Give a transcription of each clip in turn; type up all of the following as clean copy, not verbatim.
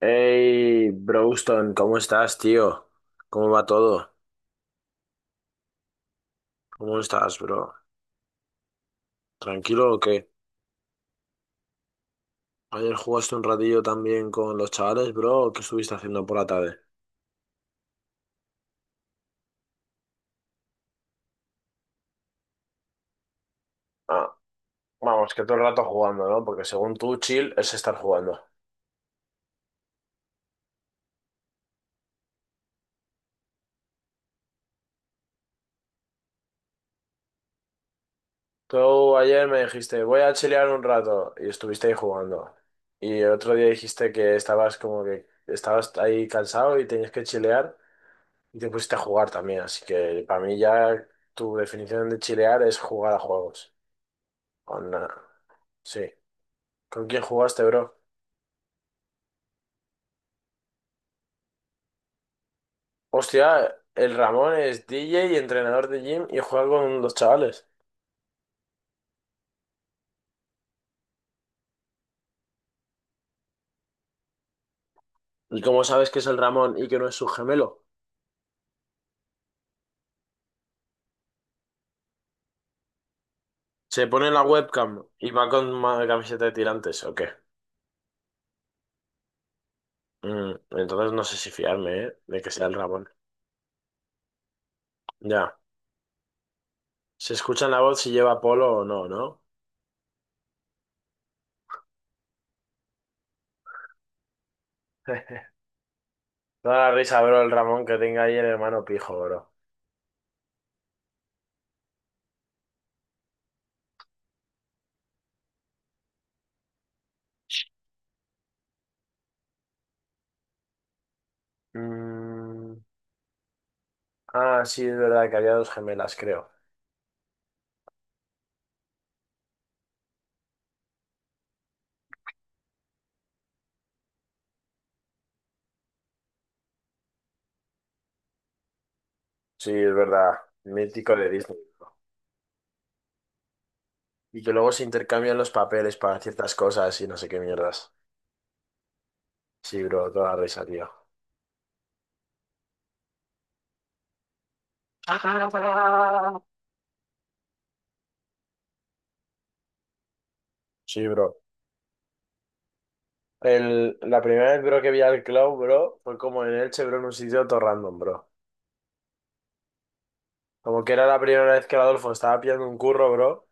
Hey, Broston, ¿cómo estás, tío? ¿Cómo va todo? ¿Cómo estás, bro? ¿Tranquilo o qué? ¿Ayer jugaste un ratillo también con los chavales, bro? ¿O qué estuviste haciendo por la tarde? Ah, vamos, que todo el rato jugando, ¿no? Porque según tú, chill es estar jugando. Tú ayer me dijiste, voy a chilear un rato, y estuviste ahí jugando. Y el otro día dijiste que estabas como que estabas ahí cansado y tenías que chilear, y te pusiste a jugar también. Así que para mí ya tu definición de chilear es jugar a juegos. Con la sí. ¿Con quién jugaste, bro? Hostia, el Ramón es DJ y entrenador de gym y juega con los chavales. ¿Y cómo sabes que es el Ramón y que no es su gemelo? Se pone la webcam y va con camiseta de tirantes, ¿o qué? Mm, entonces no sé si fiarme, ¿eh? De que sea el Ramón. Ya. Se escucha en la voz si lleva polo o no, ¿no? Toda la risa, bro, el Ramón que tenga ahí el hermano pijo, bro. Mm. Ah, sí, es verdad que había dos gemelas, creo. Sí, es verdad. Mítico de Disney. Y que luego se intercambian los papeles para ciertas cosas y no sé qué mierdas. Sí, bro, toda la risa, tío. Sí, bro. La primera vez, bro, que vi al Clown, bro, fue como en Elche, bro, en un sitio todo random, bro. Como que era la primera vez que el Adolfo estaba pillando un curro, bro.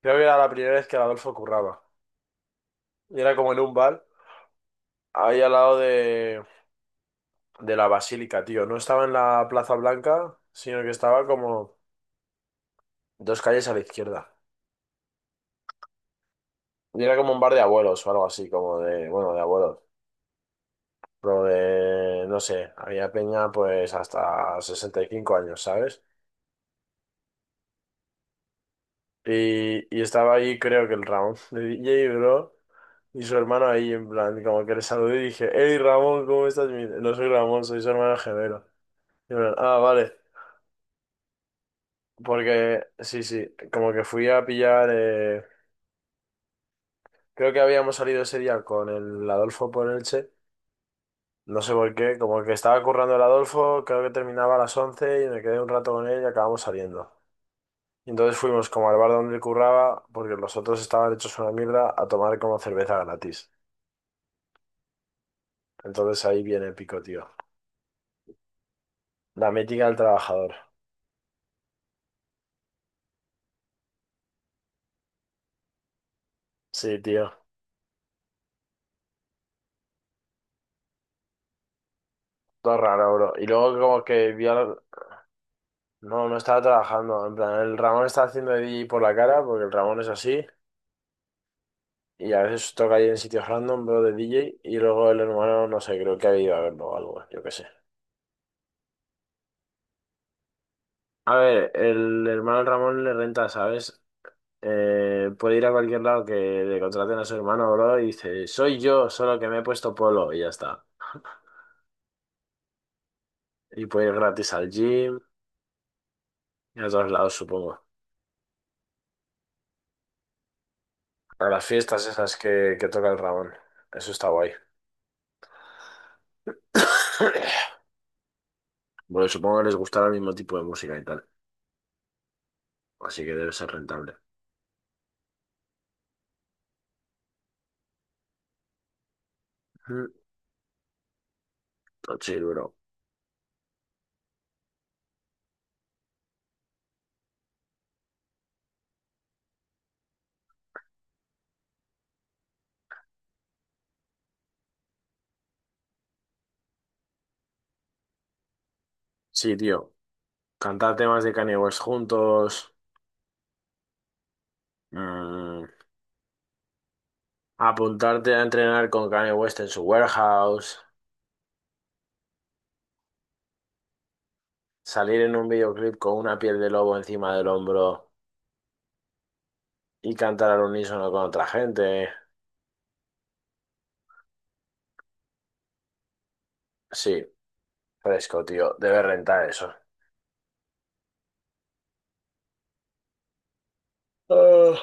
Creo que era la primera vez que el Adolfo curraba. Y era como en un bar, ahí al lado de la Basílica, tío. No estaba en la Plaza Blanca, sino que estaba como dos calles a la izquierda. Y era como un bar de abuelos o algo así, como de, bueno, de abuelos. Lo de, no sé, había peña pues hasta 65 años, ¿sabes? Y estaba ahí, creo que el Ramón de DJ, bro, y su hermano ahí, en plan, como que le saludé y dije, hey Ramón, ¿cómo estás? Y me dice, no soy Ramón, soy su hermano gemelo. Y en plan, ah, vale, porque sí, como que fui a pillar, creo que habíamos salido ese día con el Adolfo por Elche, no sé por qué, como que estaba currando el Adolfo, creo que terminaba a las 11 y me quedé un rato con él y acabamos saliendo. Y entonces fuimos como al bar donde él curraba, porque los otros estaban hechos una mierda, a tomar como cerveza gratis. Entonces ahí viene el pico, tío. La mítica del trabajador. Sí, tío. Todo raro, bro. Y luego como que vi al... No, no estaba trabajando. En plan, el Ramón está haciendo de DJ por la cara, porque el Ramón es así. Y a veces toca ahí en sitios random, bro, de DJ. Y luego el hermano, no sé, creo que ha ido a verlo o algo, yo qué sé. A ver, el hermano Ramón le renta, ¿sabes? Puede ir a cualquier lado que le contraten a su hermano, bro, y dice, soy yo, solo que me he puesto polo, y ya está. Y puede ir gratis al gym y a todos lados, supongo. A las fiestas esas que toca el Ramón. Eso está guay. Bueno, supongo que les gustará el mismo tipo de música y tal. Así que debe ser rentable. Mm, todo chill, bro. Sí, tío. Cantar temas de Kanye West juntos. Mm, apuntarte a entrenar con Kanye West en su warehouse. Salir en un videoclip con una piel de lobo encima del hombro y cantar al unísono con otra gente. Sí, fresco, tío. Debe rentar eso. Oh,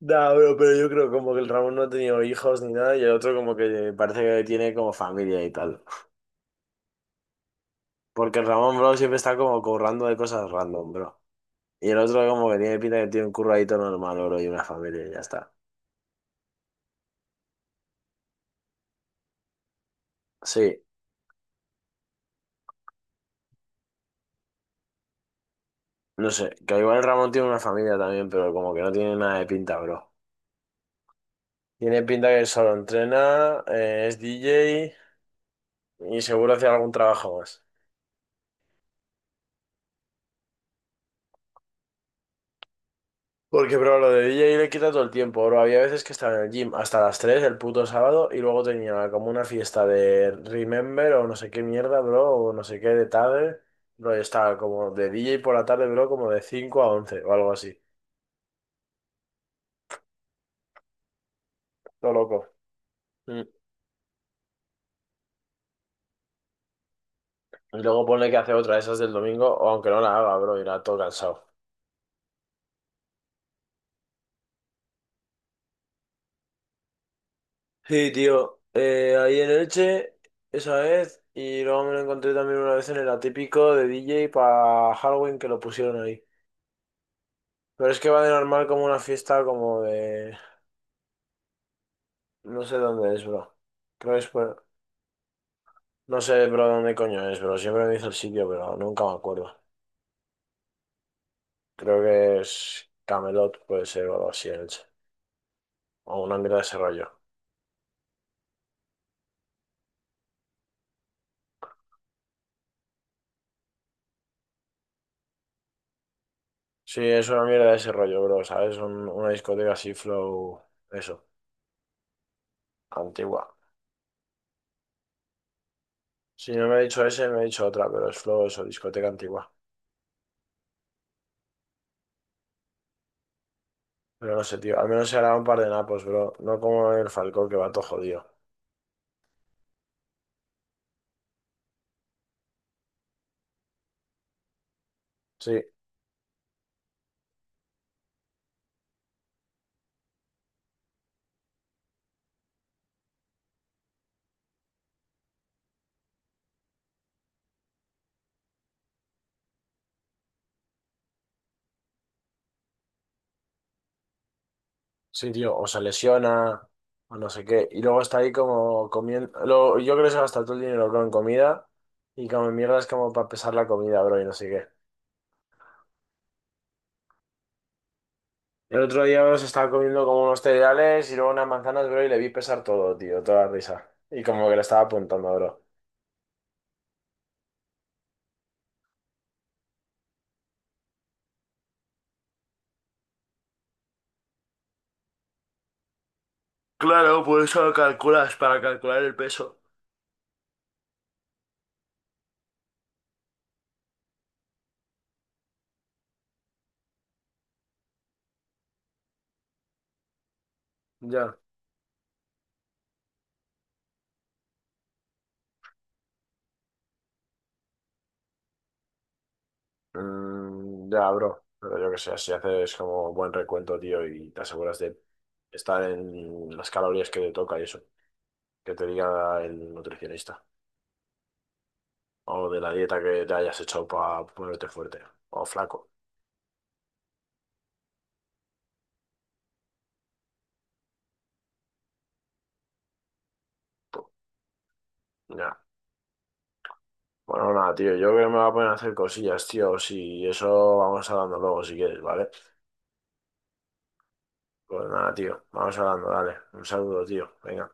nah, bro, pero yo creo como que el Ramón no ha tenido hijos ni nada y el otro como que parece que tiene como familia y tal. Porque el Ramón, bro, siempre está como currando de cosas random, bro. Y el otro como que tiene pinta que tiene un curradito normal, bro, y una familia y ya está. Sí, no sé, que igual el Ramón tiene una familia también, pero como que no tiene nada de pinta, bro. Tiene pinta que solo entrena, es DJ y seguro hace algún trabajo más. Porque, bro, lo de DJ le quita todo el tiempo, bro. Había veces que estaba en el gym hasta las 3 el puto sábado y luego tenía como una fiesta de Remember o no sé qué mierda, bro, o no sé qué de tarde. Bro, y estaba como de DJ por la tarde, bro, como de 5 a 11 o algo así. Todo loco. Mm. Y luego pone que hace otra, de esas del domingo, o aunque no la haga, bro, irá todo cansado. Sí, tío. Ahí en Elche, esa vez, y luego me lo encontré también una vez en el atípico de DJ para Halloween que lo pusieron ahí. Pero es que va de normal como una fiesta como de... No sé dónde es, bro. Creo que es por... No sé, bro, dónde coño es, bro. Siempre me dice el sitio, pero nunca me acuerdo. Creo que es Camelot, puede ser, o algo así en Elche. O una mierda de ese rollo. Sí, es una mierda de ese rollo, bro, ¿sabes? Una discoteca así, flow... Eso, antigua. Si no me ha dicho ese, me ha dicho otra, pero es flow eso, discoteca antigua. Pero no sé, tío. Al menos se hará un par de napos, bro. No como el Falcón que va todo jodido. Sí, sí, tío. O se lesiona, o no sé qué. Y luego está ahí como comiendo. Yo creo que se gasta todo el dinero bro, en comida. Y como en mierda es como para pesar la comida, bro, y no sé qué. El otro día bro, se estaba comiendo como unos cereales y luego unas manzanas, bro, y le vi pesar todo, tío. Toda la risa. Y como que le estaba apuntando, bro. Claro, por eso lo calculas, para calcular el peso. Ya. Mm, ya, bro. Pero yo que sé, si haces como buen recuento, tío, y te aseguras de estar en las calorías que te toca y eso, que te diga el nutricionista. O de la dieta que te hayas hecho para ponerte fuerte o flaco. Puh, ya. Bueno, nada, tío. Yo creo que me voy a poner a hacer cosillas, tío. Si eso vamos hablando luego, si quieres, ¿vale? Pues nada, tío. Vamos hablando, dale. Un saludo, tío. Venga.